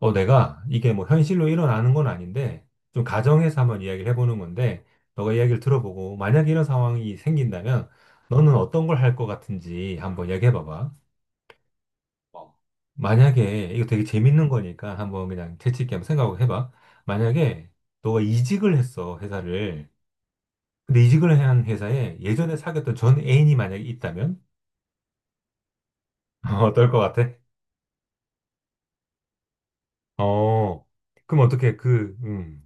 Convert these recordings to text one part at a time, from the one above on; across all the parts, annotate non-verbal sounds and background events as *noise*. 내가 이게 뭐 현실로 일어나는 건 아닌데, 좀 가정에서 한번 이야기를 해보는 건데, 너가 이야기를 들어보고, 만약 이런 상황이 생긴다면, 너는 어떤 걸 할 것 같은지 한번 이야기해봐봐. 어, 만약에, 이거 되게 재밌는 거니까 한번 그냥 재치있게 한번 생각을 해봐. 만약에, 너가 이직을 했어, 회사를. 근데 이직을 한 회사에 예전에 사귀었던 전 애인이 만약에 있다면? *laughs* 어떨 것 같아? 어, 그럼 어떻게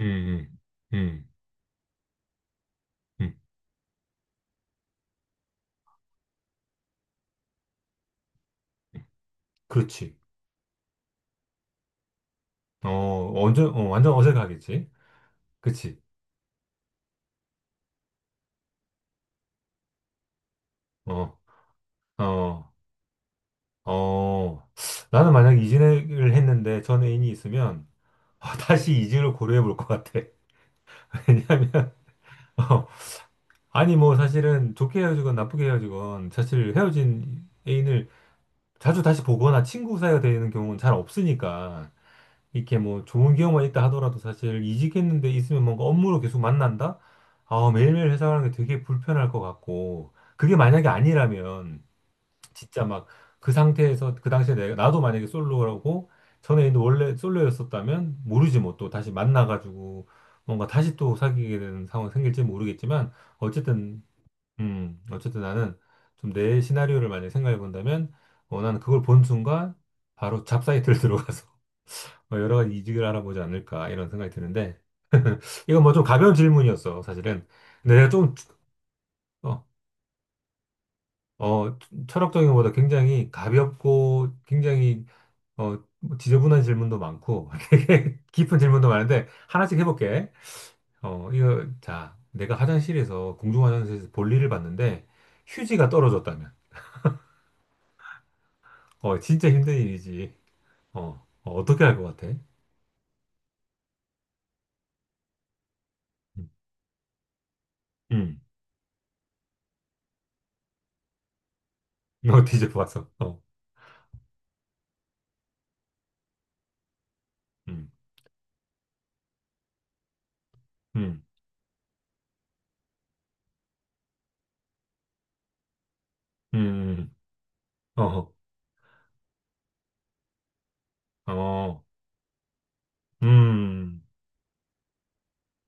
음, 음, 음, 음. 음. 그렇지. 어, 완전 어색하겠지? 그치? 어, 어, 어. 나는 만약에 이직을 했는데 전 애인이 있으면 아, 다시 이직을 고려해 볼 것 같아. *laughs* 왜냐면, 어, 아니, 뭐, 사실은 좋게 헤어지건 나쁘게 헤어지건 사실 헤어진 애인을 자주 다시 보거나 친구 사이가 되는 경우는 잘 없으니까. 이렇게 뭐 좋은 기억만 있다 하더라도 사실 이직했는데 있으면 뭔가 업무로 계속 만난다? 아, 매일매일 회사 가는 게 되게 불편할 것 같고, 그게 만약에 아니라면, 진짜 막 그 상태에서 그 당시에 내가 나도 만약에 솔로라고 전에 있는 원래 솔로였었다면 모르지 뭐 또 다시 만나가지고 뭔가 다시 또 사귀게 되는 상황 생길지 모르겠지만 어쨌든 어쨌든 나는 좀 내 시나리오를 만약에 생각해 본다면 나는 그걸 본 순간 바로 잡사이트를 *laughs* 들어가서 뭐 여러 가지 이직을 알아보지 않을까 이런 생각이 드는데 *laughs* 이건 뭐 좀 가벼운 질문이었어 사실은. 근데 내가 좀 어, 어, 철학적인 것보다 굉장히 가볍고 굉장히 뭐 지저분한 질문도 많고, *laughs* 되게 깊은 질문도 많은데, 하나씩 해볼게. 이거, 자, 내가 화장실에서, 공중 화장실에서 볼일을 봤는데, 휴지가 떨어졌다면, 진짜 힘든 일이지. 어, 어, 떻게 할 것 같아? 음, 음. 음. *laughs* 뒤져봤어. 어, 음, 음, 음, 음. 어, 어, 음,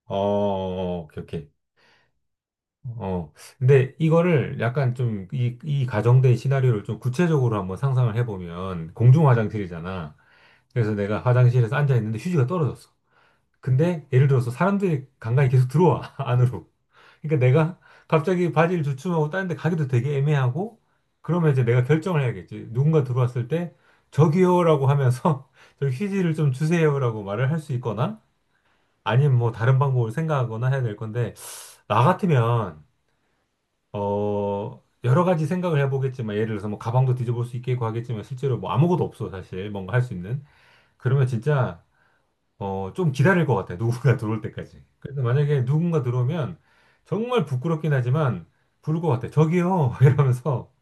어, 어, 어, 오케이, 오케이. 어, 근데 이거를 약간 좀, 이, 이 가정된 시나리오를 좀 구체적으로 한번 상상을 해보면, 공중 화장실이잖아. 그래서 내가 화장실에서 앉아 있는데 휴지가 떨어졌어. 근데 예를 들어서 사람들이 간간히 계속 들어와, *laughs* 안으로. 그러니까 내가 갑자기 바지를 주춤하고 다른 데 가기도 되게 애매하고, 그러면 이제 내가 결정을 해야겠지. 누군가 들어왔을 때, 저기요라고 하면서, *laughs* 저 휴지를 좀 주세요라고 말을 할 수 있거나, 아니면 뭐 다른 방법을 생각하거나 해야 될 건데, 나 같으면, 여러 가지 생각을 해보겠지만, 예를 들어서 뭐 가방도 뒤져볼 수 있겠고 하겠지만, 실제로 뭐 아무것도 없어, 사실. 뭔가 할 수 있는. 그러면 진짜, 좀 기다릴 것 같아요. 누군가 *laughs* 들어올 때까지. 그래서 만약에 누군가 들어오면 정말 부끄럽긴 하지만 부를 것 같아요. 저기요! *laughs* 이러면서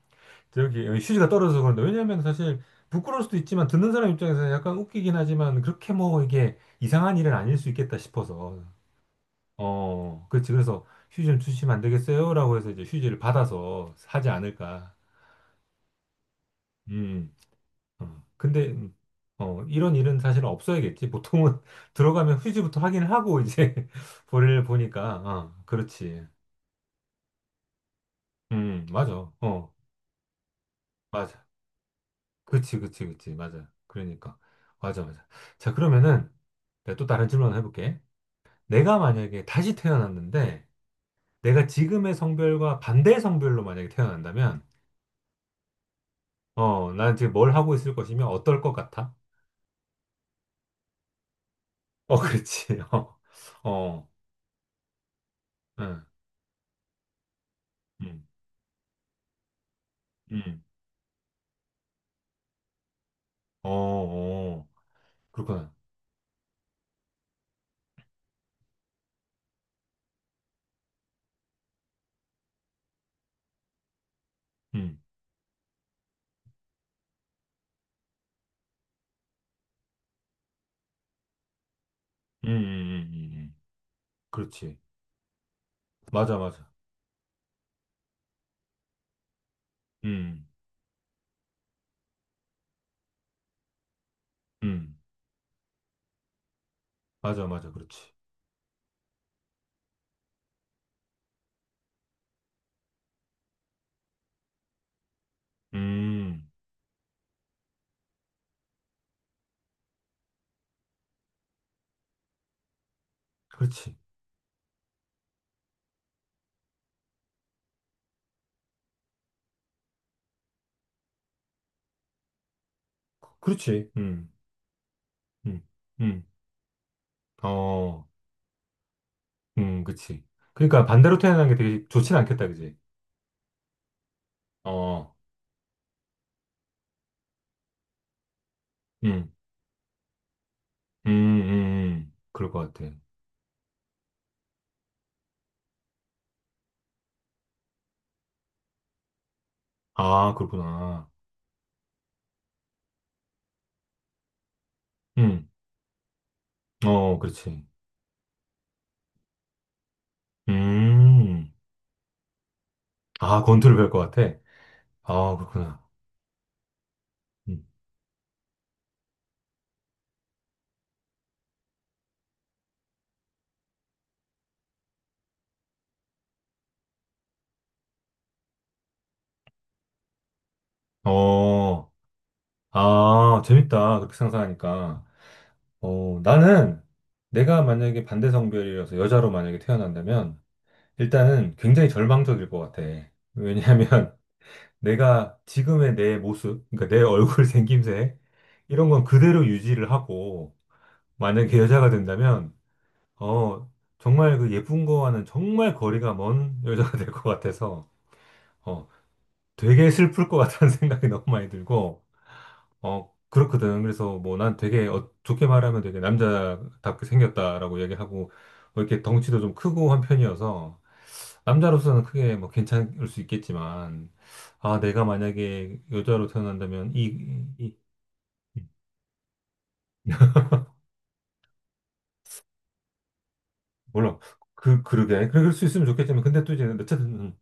저기 휴지가 떨어져서 그런데 왜냐하면 사실 부끄러울 수도 있지만 듣는 사람 입장에서 약간 웃기긴 하지만 그렇게 뭐 이게 이상한 일은 아닐 수 있겠다 싶어서 그렇지. 그래서 휴지 좀 주시면 안 되겠어요? 라고 해서 이제 휴지를 받아서 하지 않을까. 음. 근데 이런 일은 사실 없어야겠지. 보통은 *laughs* 들어가면 휴지부터 확인을 하고 이제 *laughs* 볼일 보니까 그렇지. 맞아. 맞아. 그치, 그치, 그치. 맞아. 그러니까. 맞아, 맞아. 자, 그러면은 내가 또 다른 질문 하나 해볼게. 내가 만약에 다시 태어났는데 내가 지금의 성별과 반대 성별로 만약에 태어난다면 난 지금 뭘 하고 있을 것이며 어떨 것 같아? 어, 그렇지. *laughs* 어, 어, 응, 응, 응. 어, 어. 그렇구나. 음, 음. 그렇지. 맞아, 맞아. 음, 음, 음, 맞아, 맞아. 그렇지. 음, 그렇지. 그렇지. 음, 음. 어, 그치. 그러니까 반대로 태어난 게 되게 좋진 않겠다, 그지? 어, 음, 그럴 것 같아. 아, 그렇구나. 음, 그렇지. 음, 아, 권투를 배울 것 같아. 아, 그렇구나. 음. 어, 아, 재밌다. 그렇게 상상하니까. 나는 내가 만약에 반대 성별이어서 여자로 만약에 태어난다면 일단은 굉장히 절망적일 것 같아. 왜냐하면 *laughs* 내가 지금의 내 모습, 그러니까 내 얼굴 *laughs* 생김새 이런 건 그대로 유지를 하고 만약에 여자가 된다면 어, 정말 그 예쁜 거와는 정말 거리가 먼 여자가 될 것 같아서 어, 되게 슬플 것 같다는 *laughs* 생각이 너무 많이 들고 그렇거든. 그래서 뭐 난 되게 좋게 말하면 되게 남자답게 생겼다라고 얘기하고 뭐 이렇게 덩치도 좀 크고 한 편이어서 남자로서는 크게 뭐 괜찮을 수 있겠지만 아, 내가 만약에 여자로 태어난다면 이, 이- 몰라. 그러게. 그럴 수 있으면 좋겠지만 근데 또 이제 어쨌든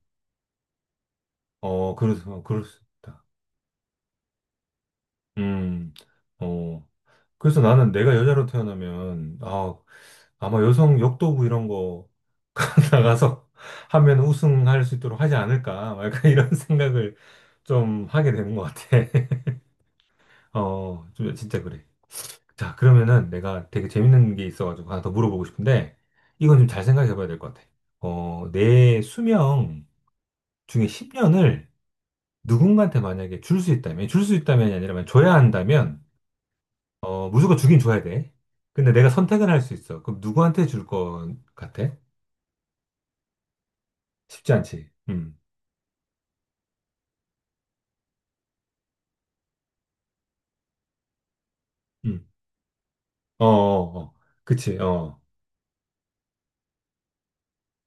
그럴 수 있다. 음, 어. 그래서 나는 내가 여자로 태어나면 아, 아마 여성 역도부 이런 거 *laughs* 나가서 하면 우승할 수 있도록 하지 않을까? 막 약간 이런 *laughs* 생각을 좀 하게 되는 것 같아. *laughs* 좀 진짜 그래. 자, 그러면은 내가 되게 재밌는 게 있어가지고 하나 더 물어보고 싶은데, 이건 좀 잘 생각해 봐야 될 것 같아. 내 수명 중에 10년을 누군가한테 만약에 줄 수 있다면, 줄 수 있다면이 아니라 만약 줘야 한다면, 무조건 주긴 줘야 돼. 근데 내가 선택을 할 수 있어. 그럼 누구한테 줄 것 같아? 쉽지 않지. 음. 어, 어, 어. 그치, 어.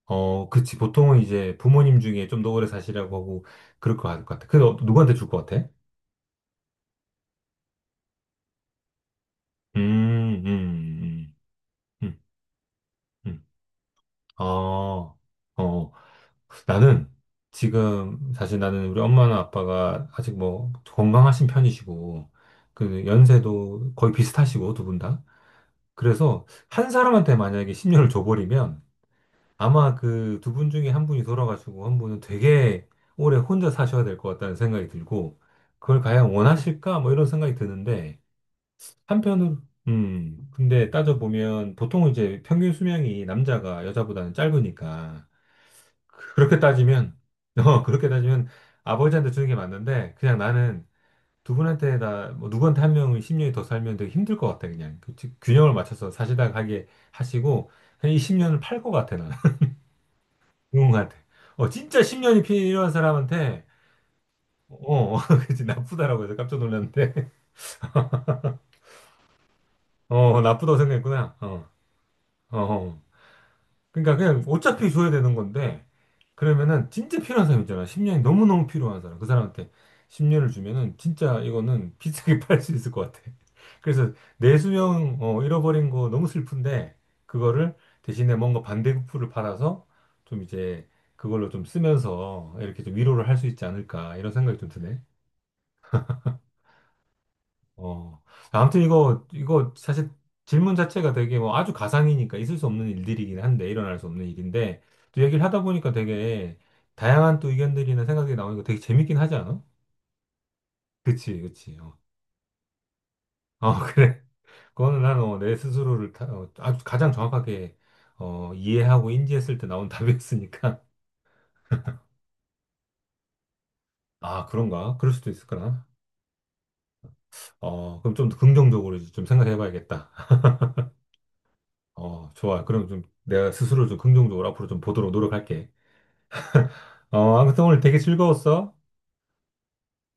그치. 보통은 이제 부모님 중에 좀 더 오래 사시라고 하고, 그럴 것 같아. 그래서 누구한테 줄 것 같아? 음, 음, 음, 음, 어, 어. 나는 지금 사실 나는 우리 엄마나 아빠가 아직 뭐 건강하신 편이시고, 그 연세도 거의 비슷하시고, 두 분 다. 그래서 한 사람한테 만약에 10년을 줘버리면, 아마 그 두 분 중에 한 분이 돌아가시고 한 분은 되게 오래 혼자 사셔야 될 것 같다는 생각이 들고 그걸 과연 원하실까? 뭐 이런 생각이 드는데 한편으로 근데 따져보면 보통 이제 평균 수명이 남자가 여자보다는 짧으니까 그렇게 따지면 *laughs* 그렇게 따지면 아버지한테 주는 게 맞는데 그냥 나는 두 분한테 다뭐 누구한테 한 명은 10년이 더 살면 되게 힘들 것 같아. 그냥 균형을 맞춰서 사시다가 하게 하시고 한1 0년을 팔 것 같아 나. 그런 것 같아. 진짜 10년이 필요한 사람한테, 어, 어, *laughs* 그치, 나쁘다라고 해서 깜짝 놀랐는데, *laughs* 어, 나쁘다고 생각했구나. 어, 어, 어. 그러니까 그냥 어차피 줘야 되는 건데, 그러면은 진짜 필요한 사람 있잖아. 10년이 너무너무 필요한 사람. 그 사람한테 10년을 주면은 진짜 이거는 비싸게 *laughs* 팔 수 있을 것 같아. 그래서 내수명, 잃어버린 거 너무 슬픈데, 그거를 대신에 뭔가 반대급부를 받아서 좀 이제 그걸로 좀 쓰면서 이렇게 좀 위로를 할 수 있지 않을까, 이런 생각이 좀 드네. 어, 아무튼 이거 사실 질문 자체가 되게 뭐 아주 가상이니까 있을 수 없는 일들이긴 한데, 일어날 수 없는 일인데, 또 얘기를 하다 보니까 되게 다양한 또 의견들이나 생각이 나오니까 되게 재밌긴 하지 않아? 그치, 그치. 어, 어, *laughs* 그래. 그거는 나는 내 스스로를 아주 가장 정확하게 이해하고 인지했을 때 나온 *laughs* 답이었으니까. 아, 그런가? 그럴 수도 있을까나? 그럼 좀 더 긍정적으로 이제 좀 생각해 봐야겠다. *laughs* 좋아. 그럼 좀 내가 스스로 좀 긍정적으로 앞으로 좀 보도록 노력할게. 아무튼 오늘 되게 즐거웠어.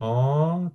어,